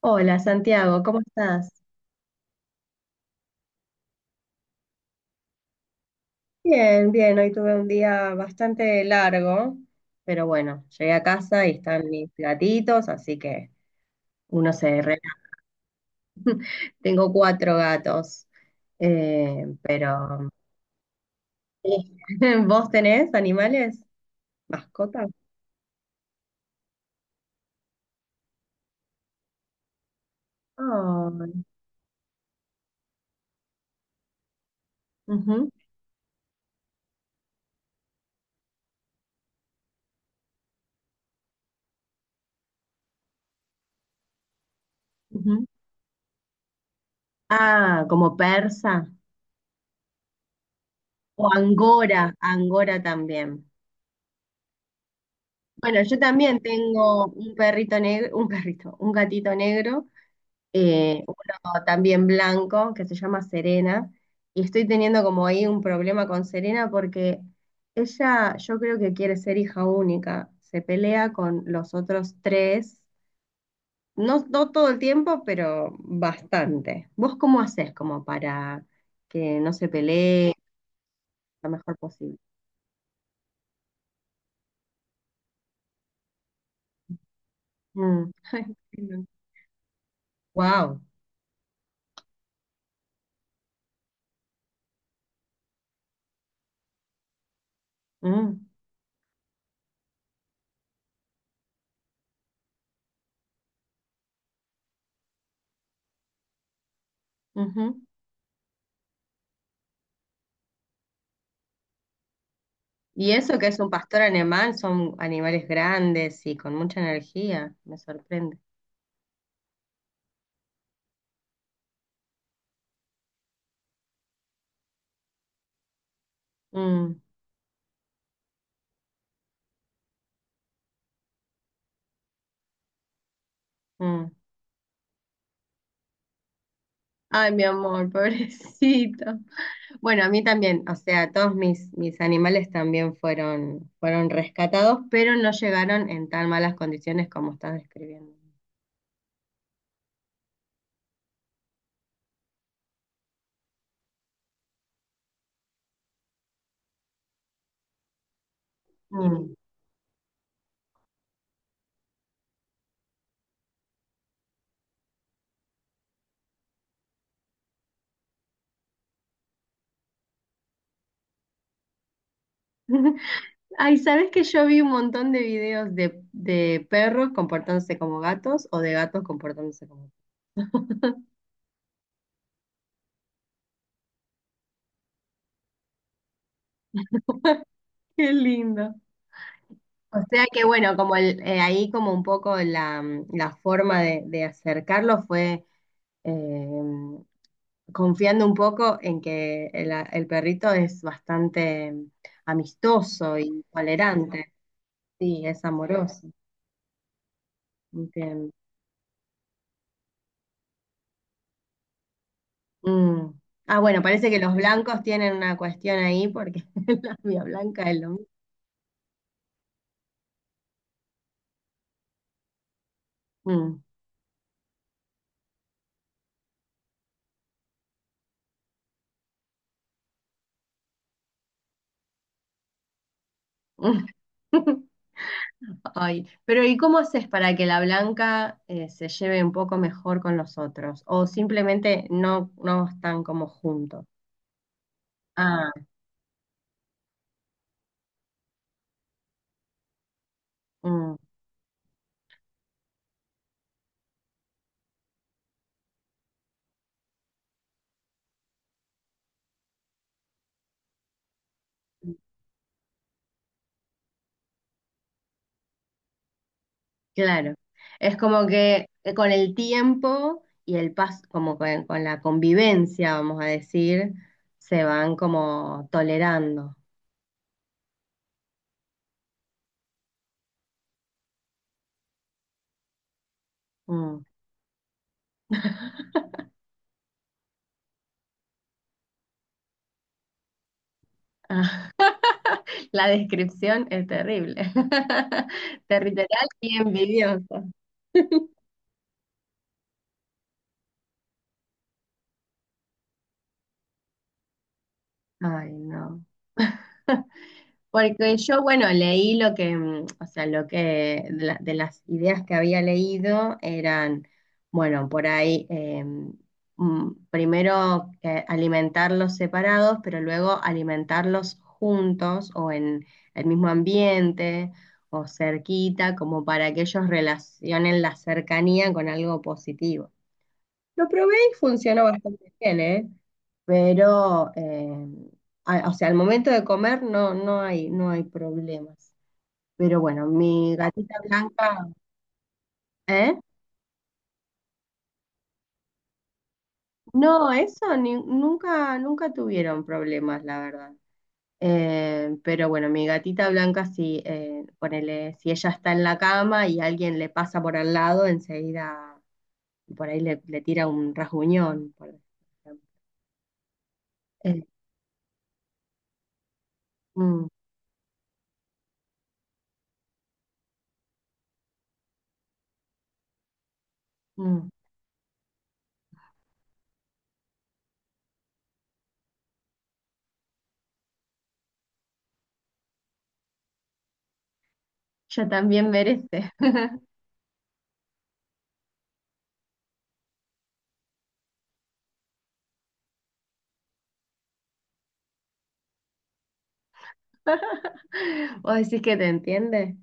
Hola Santiago, ¿cómo estás? Bien, bien, hoy tuve un día bastante largo, pero bueno, llegué a casa y están mis gatitos, así que uno se relaja. Tengo cuatro gatos, pero sí. ¿Vos tenés animales? ¿Mascotas? Ay, ujú, ujú. Ah, como persa o angora, angora también. Bueno, yo también tengo un perrito negro, un perrito, un gatito negro uno también blanco que se llama Serena, y estoy teniendo como ahí un problema con Serena porque ella yo creo que quiere ser hija única, se pelea con los otros tres, no todo el tiempo, pero bastante. ¿Vos cómo haces como para que no se pelee lo mejor posible? Mm. Wow. Mm, ujú. Y eso que es un pastor alemán, son animales grandes y con mucha energía, me sorprende. Mm, mm. Ay, mi amor, pobrecito. Bueno, a mí también, o sea, todos mis, mis animales también fueron, fueron rescatados, pero no llegaron en tan malas condiciones como estás describiendo. Mm. Ay, ¿sabes que yo vi un montón de videos de perros comportándose como gatos o de gatos comportándose como perros? Qué lindo. O sea que bueno, como el, ahí como un poco la, la forma de acercarlo fue eh, confiando un poco en que el perrito es bastante amistoso y tolerante. Sí, es amoroso. Entiendo. Mm. Ah, bueno, parece que los blancos tienen una cuestión ahí porque la mía blanca es lo mismo. Mm. Ay, pero ¿y cómo haces para que la blanca se lleve un poco mejor con los otros? ¿O simplemente no están como juntos? Ah, mm. Claro, es como que con el tiempo y el paso, como con la convivencia, vamos a decir, se van como tolerando. Mm. Ah, la descripción es terrible, territorial y envidiosa. Ay, no. Porque yo, bueno, leí lo que, o sea, lo que de, la- de las ideas que había leído eran, bueno, por ahí, primero que alimentarlos separados, pero luego alimentarlos juntos o en el mismo ambiente o cerquita, como para que ellos relacionen la cercanía con algo positivo. Lo probé y funcionó bastante bien, ¿eh? Pero, a- o sea, al momento de comer no, no hay problemas. Pero bueno, mi gatita blanca, ¿eh? No, eso ni- nunca, nunca tuvieron problemas, la verdad. Pero bueno, mi gatita blanca, si, ponele, si ella está en la cama y alguien le pasa por al lado, enseguida por ahí le, le tira un rasguñón, por ejemplo. Eh, mm, mm, ella también merece. ¿Vos decís que te entiende?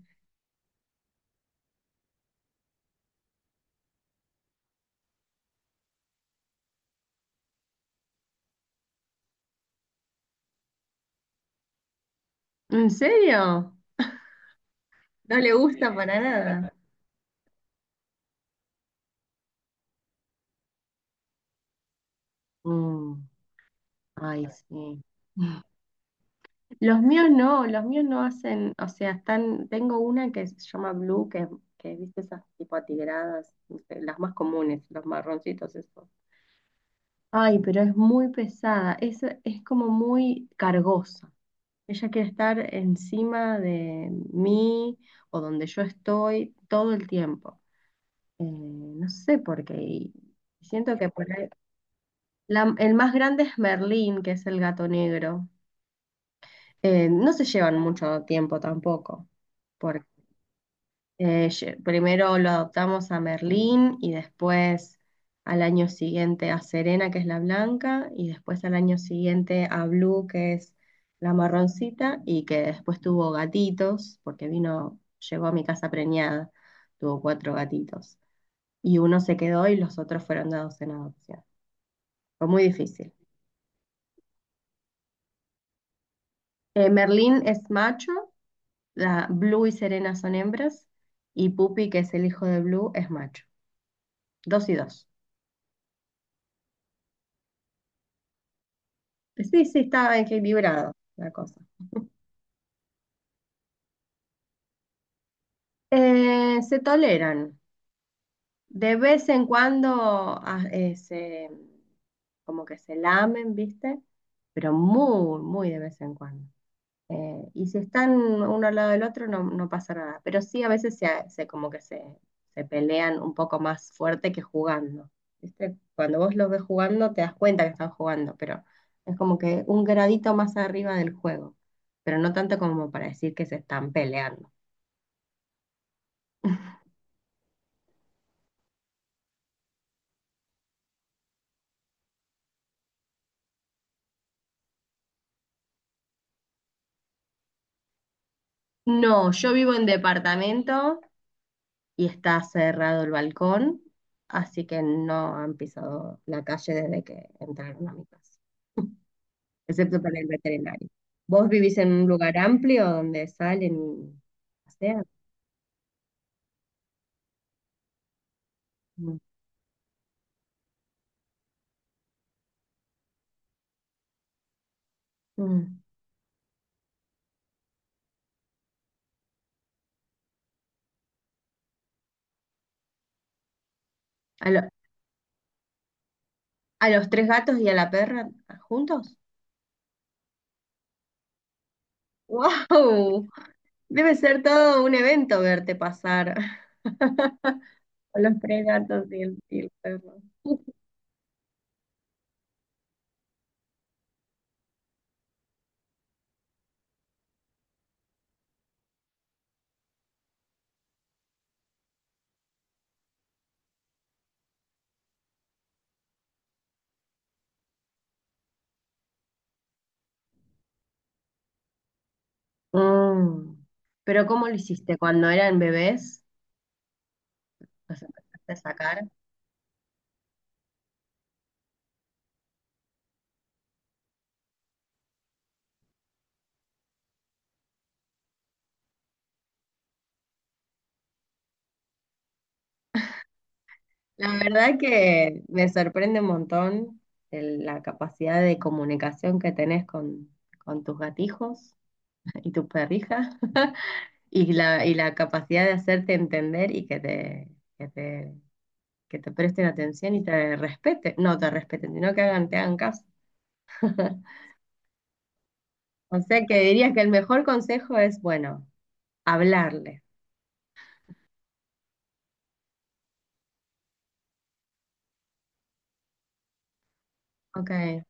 ¿En serio? No le gusta. Sí. Para nada. Mm, ay, sí. Los míos no hacen, o sea, están, tengo una que se llama Blue, que viste esas tipo atigradas, no sé, las más comunes, los marroncitos esos. Ay, pero es muy pesada, es como muy cargosa. Ella quiere estar encima de mí o donde yo estoy todo el tiempo. No sé por qué. Y siento que por ahí- la- el más grande es Merlín, que es el gato negro. No se llevan mucho tiempo tampoco. Porque lle- primero lo adoptamos a Merlín y después al año siguiente a Serena, que es la blanca, y después al año siguiente a Blue, que es la marroncita, y que después tuvo gatitos, porque vino, llegó a mi casa preñada, tuvo cuatro gatitos. Y uno se quedó y los otros fueron dados en adopción. Fue muy difícil. Merlín es macho, la Blue y Serena son hembras, y Pupi, que es el hijo de Blue, es macho. Dos y dos. Sí, sí, está equilibrado la cosa. Se toleran. De vez en cuando se, como que se lamen, ¿viste? Pero muy, muy de vez en cuando. Y si están uno al lado del otro, no, no pasa nada. Pero sí, a veces se, se- como que se pelean un poco más fuerte que jugando. ¿Viste? Cuando vos los ves jugando, te das cuenta que están jugando, pero es como que un gradito más arriba del juego. Pero no tanto como para decir que se están peleando. No, yo vivo en departamento y está cerrado el balcón, así que no han pisado la calle desde que entraron a mi casa. Excepto para el veterinario. ¿Vos vivís en un lugar amplio donde salen y pasean? Mm. Mm. ¿A, lo- a los tres gatos y a la perra juntos? ¡Wow! Debe ser todo un evento verte pasar a los tres gatos y el perro. Mm. ¿Pero cómo lo hiciste? ¿Cuando eran bebés? ¿Los empezaste a sacar? La verdad que me sorprende un montón el- la capacidad de comunicación que tenés con tus gatijos y tu perrija y la capacidad de hacerte entender y que te, que te, que te presten atención y te respeten, no te respeten, sino que hagan, te hagan caso. O sea que dirías que el mejor consejo es, bueno, hablarle. Ok.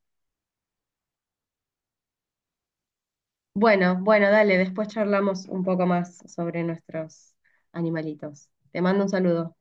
Bueno, bueno, dale, después charlamos un poco más sobre nuestros animalitos. Te mando un saludo.